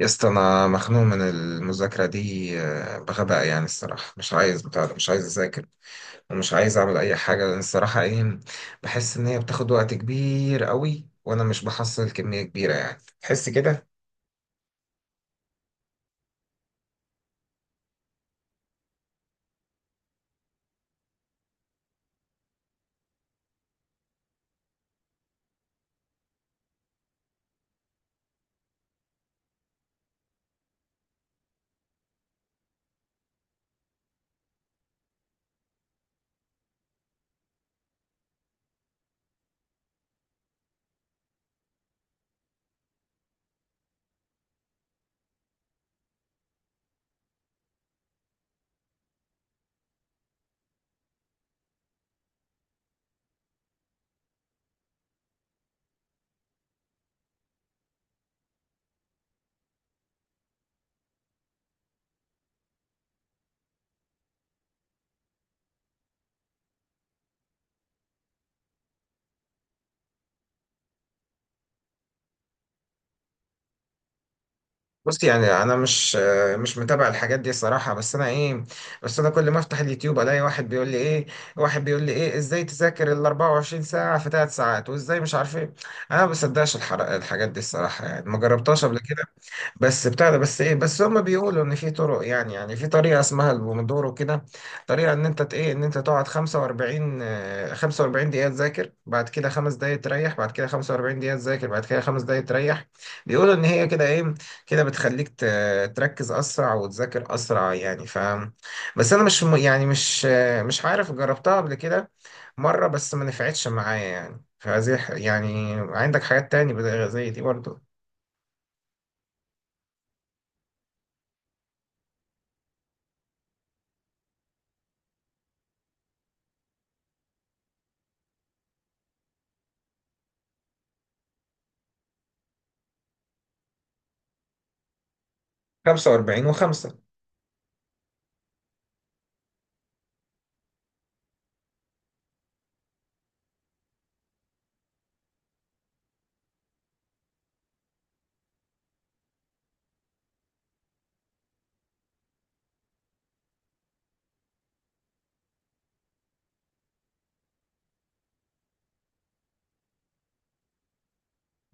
يا اسطى انا مخنوق من المذاكره دي، بغباء يعني. الصراحه مش عايز بتاع ده، مش عايز اذاكر ومش عايز اعمل اي حاجه، لان الصراحه ايه؟ بحس ان هي بتاخد وقت كبير قوي وانا مش بحصل كميه كبيره. يعني تحس كده. بص، يعني انا مش مش متابع الحاجات دي الصراحه، بس انا ايه؟ بس انا كل ما افتح اليوتيوب الاقي واحد بيقول لي ايه، واحد بيقول لي ايه ازاي تذاكر ال 24 ساعه في 3 ساعات، وازاي مش عارف ايه. انا ما بصدقش الحاجات دي الصراحه، يعني ما جربتهاش قبل كده. بس بتاع ده، بس ايه، بس هما بيقولوا ان في طرق. يعني في طريقه اسمها البومودورو كده. طريقه ان انت ايه، ان انت تقعد 45، 45 دقيقه تذاكر، بعد كده خمس دقائق تريح، بعد كده 45 دقيقه تذاكر، بعد كده خمس دقائق تريح. بيقولوا ان هي كده ايه، كده بتخليك تركز اسرع وتذاكر اسرع. يعني ف، بس انا مش م- يعني مش، مش عارف، جربتها قبل كده مره بس ما نفعتش معايا. يعني فزي يعني. عندك حاجات تاني زي دي برضه؟ 45 و5؟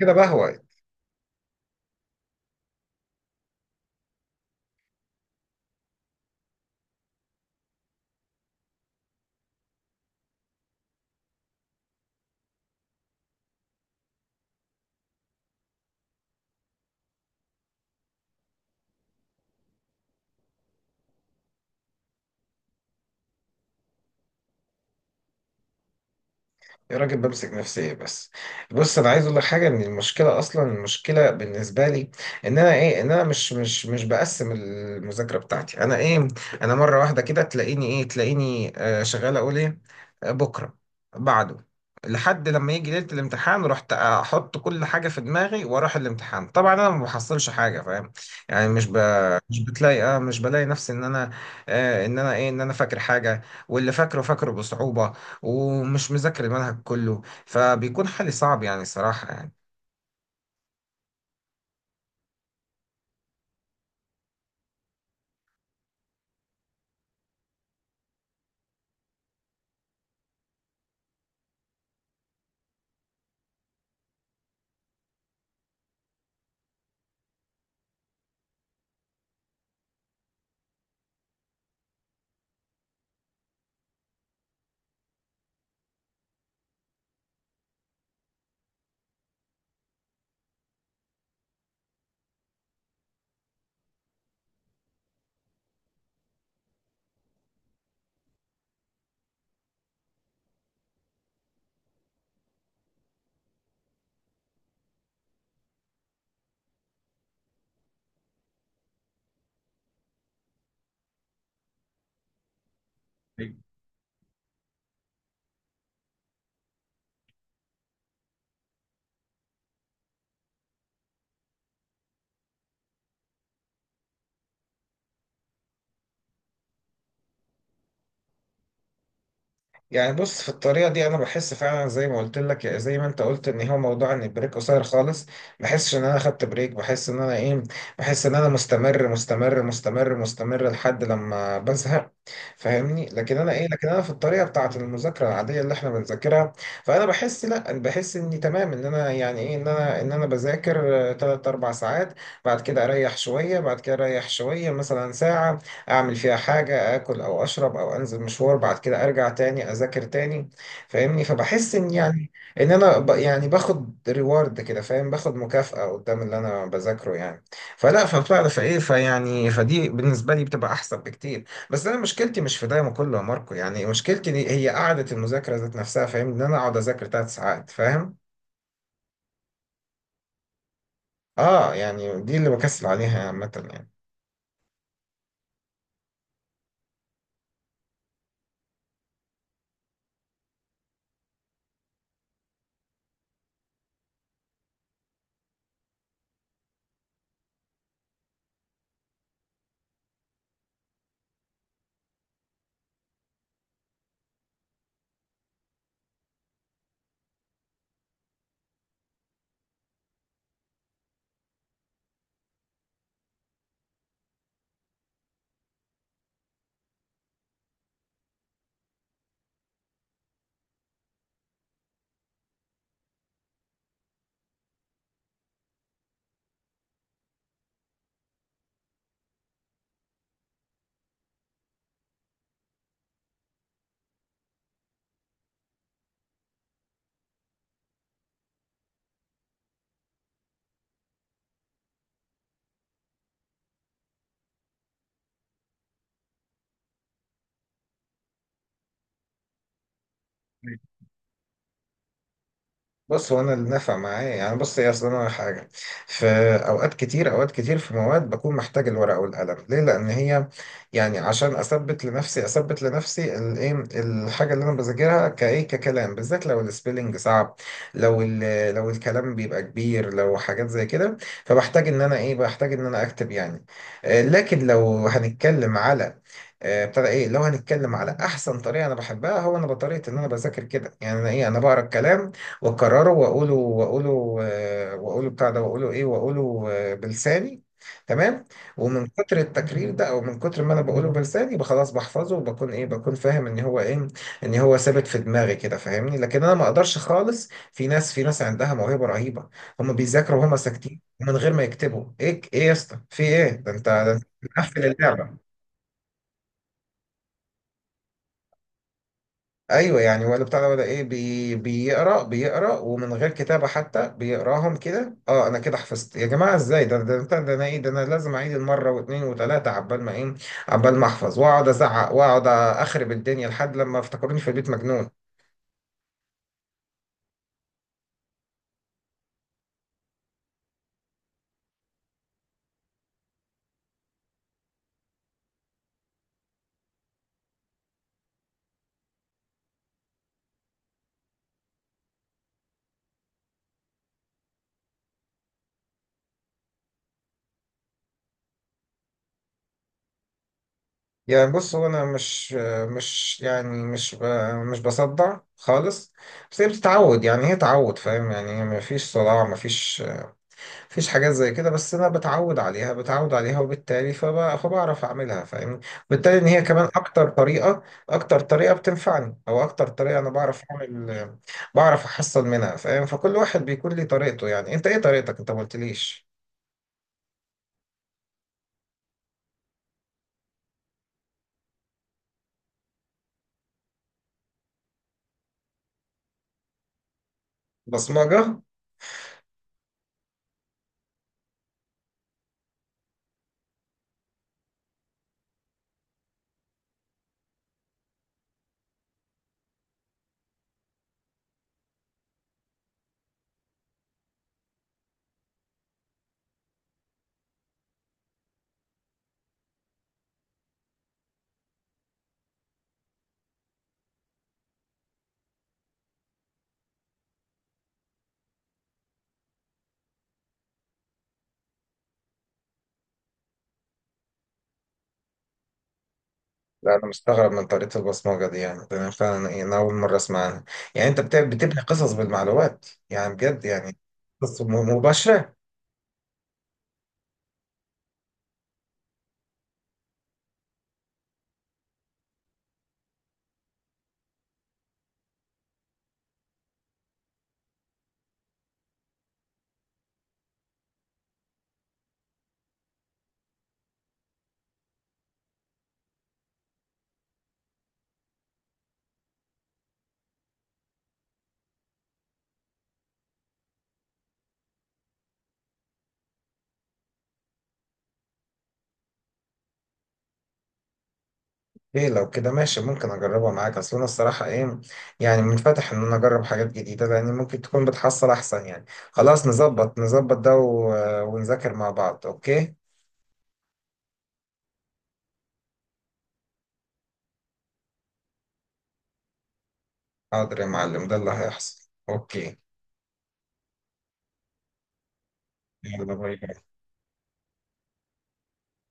كده بقى هو. يا راجل، بمسك نفسي إيه بس؟ بص، انا عايز اقول لك حاجه. ان المشكله اصلا، المشكله بالنسبه لي، ان انا ايه، ان انا مش بقسم المذاكره بتاعتي. انا ايه، انا مره واحده كده تلاقيني ايه، تلاقيني آه شغال اقول ايه، بكره، بعده، لحد لما يجي ليله الامتحان، رحت احط كل حاجه في دماغي واروح الامتحان. طبعا انا ما بحصلش حاجه، فاهم؟ يعني مش بتلاقي اه، مش بلاقي نفسي ان انا آه، ان انا ايه، ان انا فاكر حاجه، واللي فاكره فاكره بصعوبه، ومش مذاكر المنهج كله. فبيكون حالي صعب يعني، صراحة يعني. يعني بص، في الطريقة دي أنا بحس فعلا زي ما قلت لك، يعني زي ما أنت قلت، إن هو موضوع إن البريك قصير خالص. بحسش إن أنا خدت بريك، بحس إن أنا إيه، بحس إن أنا مستمر لحد لما بزهق. فاهمني؟ لكن أنا إيه، لكن أنا في الطريقة بتاعة المذاكرة العادية اللي إحنا بنذاكرها، فأنا بحس لأ، بحس إني تمام، إن أنا يعني إيه، إن أنا، إن أنا بذاكر تلات أربع ساعات، بعد كده أريح شوية، بعد كده أريح شوية مثلا ساعة، اعمل فيها حاجة، اكل او اشرب او انزل مشوار، بعد كده ارجع تاني اذاكر تاني. فاهمني؟ فبحس ان يعني ان انا ب، يعني باخد ريورد كده، فاهم؟ باخد مكافأة قدام اللي انا بذاكره يعني. فلا، فبتعرف، فايه، فيعني، فدي بالنسبة لي بتبقى احسن بكتير. بس انا مشكلتي مش في ده كله يا ماركو. يعني مشكلتي دي هي قعدة المذاكرة ذات نفسها، فاهم؟ ان انا اقعد اذاكر ثلاث ساعات، فاهم؟ اه يعني دي اللي بكسل عليها عامة يعني. بص، هو انا اللي نفع معايا، يعني بص يا اصل، انا حاجه، في اوقات كتير، اوقات كتير في مواد بكون محتاج الورقه والقلم. ليه؟ لان هي، يعني عشان اثبت لنفسي، اثبت لنفسي الايه، الحاجه اللي انا بذاكرها كايه، ككلام، بالذات لو السبيلنج صعب، لو الكلام بيبقى كبير، لو حاجات زي كده، فبحتاج ان انا ايه، بحتاج ان انا اكتب يعني. لكن لو هنتكلم على ابتدى ايه، لو هنتكلم على احسن طريقه انا بحبها، هو انا بطريقه ان انا بذاكر كده. يعني انا ايه، انا بقرا الكلام واكرره واقوله، واقوله بتاع ده، واقوله ايه، واقوله بلساني. تمام. ومن كتر التكرير ده، او من كتر ما انا بقوله بلساني، يبقى خلاص بحفظه، وبكون ايه، بكون فاهم ان هو ايه، ان هو ثابت في دماغي كده. فاهمني؟ لكن انا ما اقدرش خالص. في ناس، في ناس عندها موهبة رهيبة، هم بيذاكروا وهم ساكتين من غير ما يكتبوا ايه. ايه يا اسطى، في ايه ده؟ انت ده، انت بتقفل اللعبة! ايوه يعني، ولا بتاع ده، ولا ايه؟ بي بيقرا، بيقرا ومن غير كتابه حتى بيقراهم كده. اه، انا كده حفظت يا جماعه؟ ازاي ده؟ ده انا ايه، ده انا لازم اعيد المره واثنين وثلاثه عبال ما ايه، عبال ما احفظ، واقعد ازعق واقعد اخرب الدنيا لحد لما افتكروني في البيت مجنون. يعني بص، هو انا مش، مش يعني مش، مش بصدع خالص. بس هي بتتعود، يعني هي تعود، فاهم؟ يعني ما فيش صداع، ما فيش مفيش حاجات زي كده. بس انا بتعود عليها، بتعود عليها، وبالتالي فبعرف اعملها، فاهمني؟ وبالتالي ان هي كمان اكتر طريقه، اكتر طريقه بتنفعني، او اكتر طريقه انا بعرف اعمل، بعرف احصل منها، فاهم؟ فكل واحد بيكون ليه طريقته. يعني انت ايه طريقتك؟ انت ما قلتليش. بصمجه؟ لا، انا مستغرب من طريقه البصمجه دي يعني. ده انا فعلا انا اول مره اسمع عنها. يعني انت بتبني قصص بالمعلومات يعني، بجد يعني؟ قصص مباشره؟ ايه لو كده ماشي، ممكن اجربها معاك. اصل انا الصراحه ايه، يعني منفتح ان انا اجرب حاجات جديده، لان ممكن تكون بتحصل احسن يعني. خلاص، نظبط ده و... ونذاكر مع بعض. اوكي؟ حاضر يا معلم، ده اللي هيحصل. اوكي. يلا، باي باي.